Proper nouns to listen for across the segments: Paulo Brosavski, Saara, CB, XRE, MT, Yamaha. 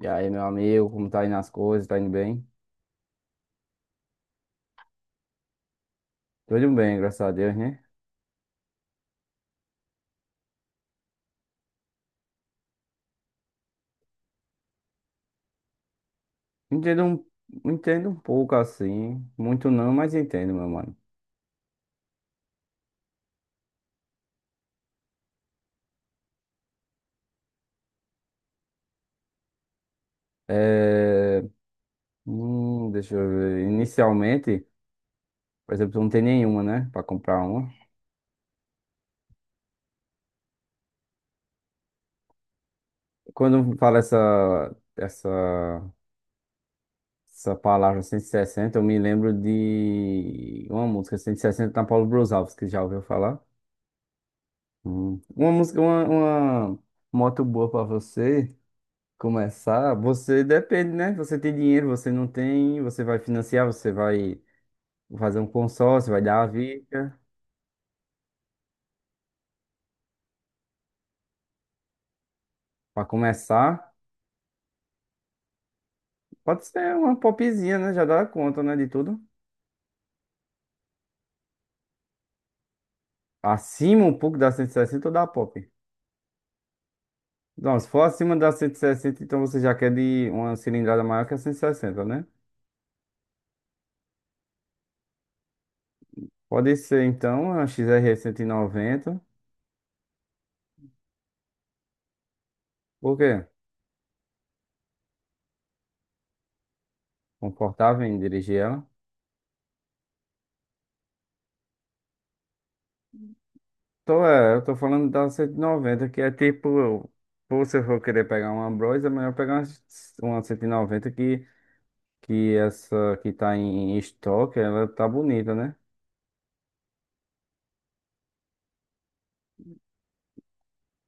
E aí, meu amigo, como tá indo as coisas? Tá indo bem? Tudo bem, graças a Deus, né? Entendo entendo um pouco assim, muito não, mas entendo, meu mano. É, deixa eu ver. Inicialmente, por exemplo, não tem nenhuma, né? Pra comprar uma. Quando fala essa palavra 160, eu me lembro de uma música 160 da Paulo Brosavski, que já ouviu falar? Hum. Uma moto boa pra você começar. Você depende, né? Você tem dinheiro, você não tem, você vai financiar, você vai fazer um consórcio, vai dar a vida. Para começar, pode ser uma popzinha, né? Já dá conta, né? De tudo. Acima um pouco da 160 ou da pop. Não, se for acima da 160, então você já quer de uma cilindrada maior que a 160, né? Pode ser, então, a XR 90. Por quê? Confortável em dirigir ela. Eu tô falando da 190, que é tipo, pô, se eu for querer pegar uma Bros, é melhor pegar uma 190 que essa que tá em estoque, ela tá bonita, né?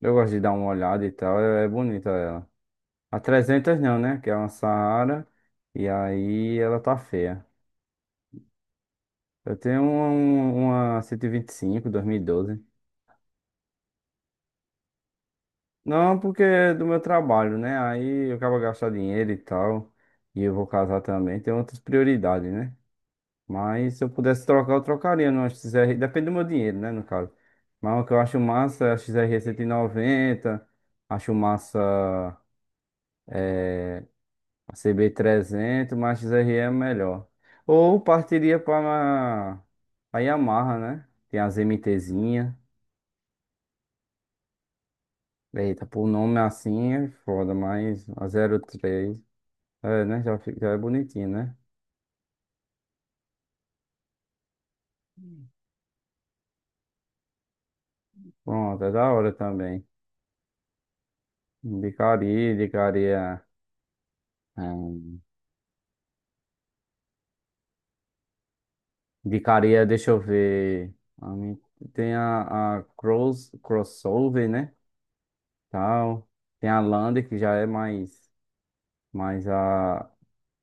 Eu gosto de dar uma olhada e tal, é bonita ela. A 300 não, né? Que é uma Saara, e aí ela tá feia. Eu tenho uma 125, 2012. Não, porque é do meu trabalho, né? Aí eu acabo gastando dinheiro e tal, e eu vou casar também, tem outras prioridades, né? Mas se eu pudesse trocar, eu trocaria numa XR. Depende do meu dinheiro, né, no caso. Mas o que eu acho massa é a XRE 90. Acho massa a CB 300, mas a XRE é melhor. Ou partiria para a Yamaha, né? Tem as MTzinha. Eita, por nome assim é foda, mas a 03. É, né? Já é bonitinho, né? Pronto, é da hora também. Indicaria, indicaria. É, indicaria, deixa eu ver. a mim- Tem a crossover, né? Tal. Tem a Land, que já é mais. Mas a,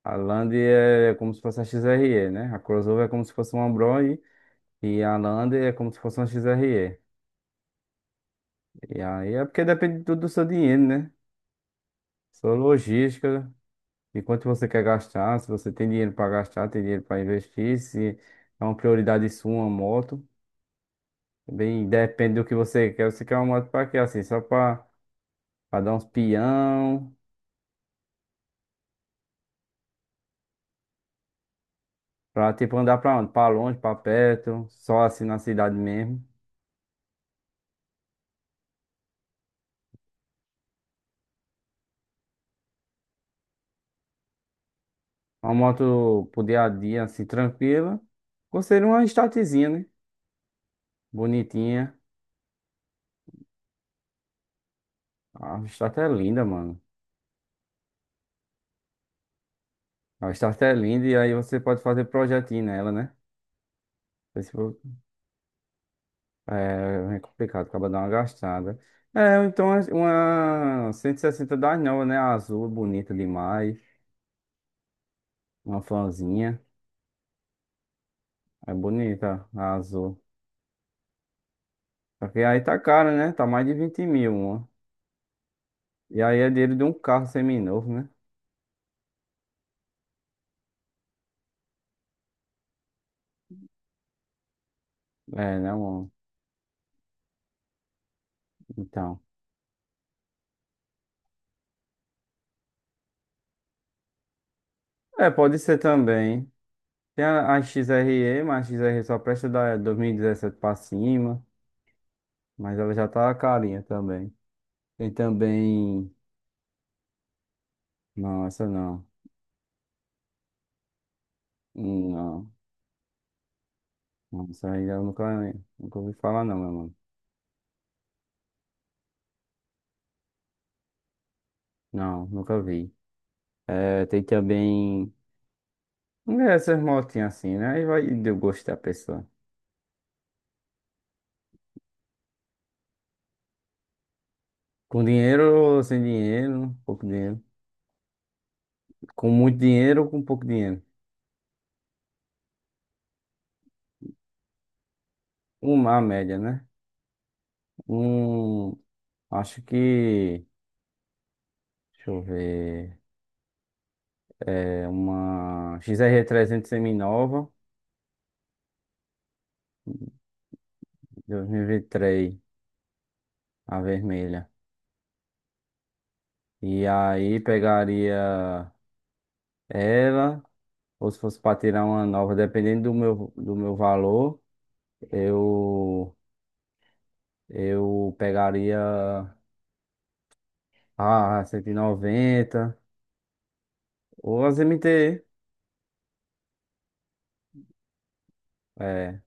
a Land é como se fosse a XRE, né? A crossover é como se fosse uma Bros. E a Land é como se fosse uma XRE. E aí é porque depende tudo do seu dinheiro, né? Sua logística, de quanto você quer gastar, se você tem dinheiro para gastar, tem dinheiro para investir, se é uma prioridade sua, uma moto. Bem, depende do que você quer. Você quer uma moto pra quê? Assim, só pra, dar uns pião, pra tipo andar pra onde? Pra longe, pra perto, só assim na cidade mesmo. Uma moto pro dia a dia, assim, tranquila. Conselho uma startzinha, né? Bonitinha. A start é linda, mano. A start é linda e aí você pode fazer projetinho nela, né? Esse foi- é complicado, acaba dando uma gastada. É, então uma 160 das novas, né? Azul, bonita demais. Uma fanzinha. É bonita, a azul. Só que aí tá cara, né? Tá mais de 20 mil, uma. E aí é dinheiro de um carro seminovo, né? É, né, mano? Então. É, pode ser também. Tem a XRE, mas a XRE só presta da 2017 pra cima. Mas ela já tá carinha também. Tem também. Não, essa não. Não. Não, essa aí eu nunca, ouvi falar, não, meu mano. Não, nunca vi. É, tem também. Essas motinhas assim, né? Aí vai do gosto da pessoa. Com dinheiro ou sem dinheiro? Pouco dinheiro. Com muito dinheiro ou com pouco dinheiro? Uma média, né? Um, acho que, deixa eu ver, é uma XR300 seminova, 2023, a vermelha. E aí pegaria ela, ou se fosse para tirar uma nova, dependendo do meu valor, eu, eu pegaria a 190 ou as MT, é.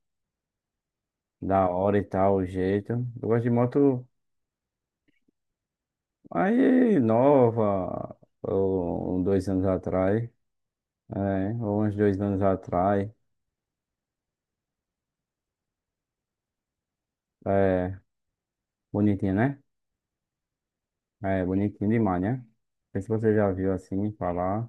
Da hora e tal, o jeito. Eu gosto de moto aí nova, ou um, 2 anos atrás, é, ou uns 2 anos atrás. É, bonitinha, né? É, bonitinha demais, né? Não sei se você já viu assim falar.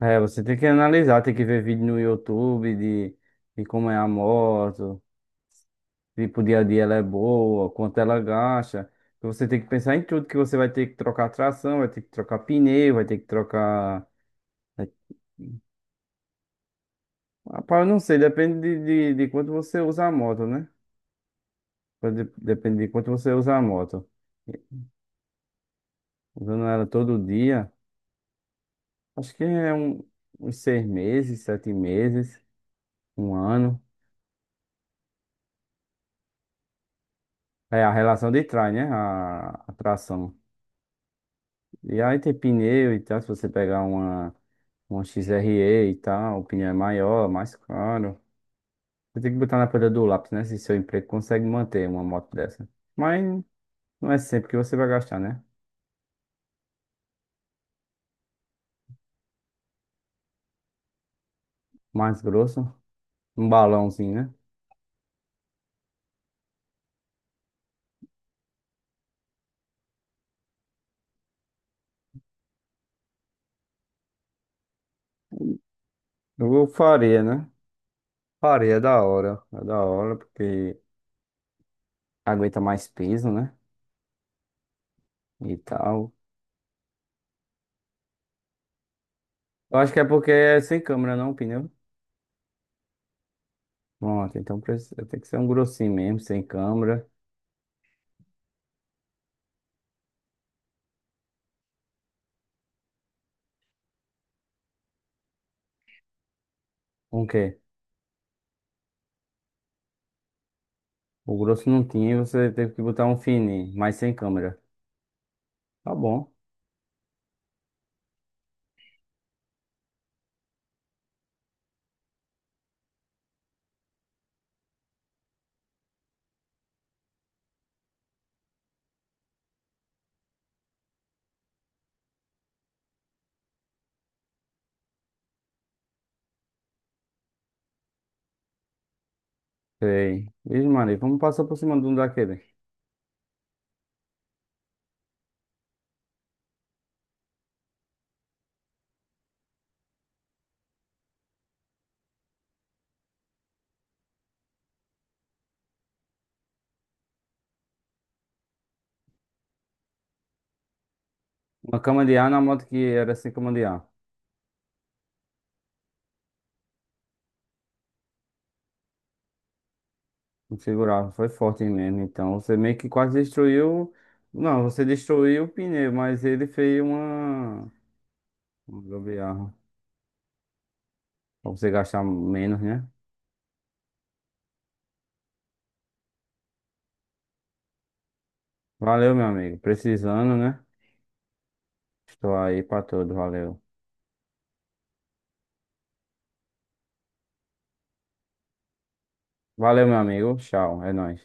É, você tem que analisar, tem que ver vídeo no YouTube de como é a moto, tipo, dia a dia ela é boa, quanto ela gasta. Então, você tem que pensar em tudo, que você vai ter que trocar tração, vai ter que trocar pneu, vai ter que trocar. Rapaz, eu não sei, depende de quanto você usa a moto, né? Depende de quanto você usa a moto. Usando ela todo dia, acho que uns 6 meses, 7 meses, um ano. É a relação de trás, né? A tração. E aí tem pneu e tal, se você pegar uma XRE e tal, o pneu é maior, mais caro. Você tem que botar na pedra do lápis, né? Se seu emprego consegue manter uma moto dessa. Mas não é sempre que você vai gastar, né? Mais grosso. Um balãozinho, né? Eu faria, né? Faria, é da hora. É da hora, porque aguenta mais peso, né? E tal. Eu acho que é porque é sem câmera, não, o pneu. Pronto, então tem que ser um grossinho mesmo, sem câmera. Um quê? O grosso não tinha, você teve que botar um fininho, mas sem câmera. Tá bom. Sei. Vixe, Maria, vamos passar por cima de um daquele. Uma cama de ar na moto que era sem cama de ar. Configurava, foi forte mesmo. Então, você meio que quase destruiu. Não, você destruiu o pneu, mas ele fez uma gambiarra. Pra você gastar menos, né? Valeu, meu amigo. Precisando, né? Estou aí pra tudo, valeu. Valeu, meu amigo. Tchau, é nóis.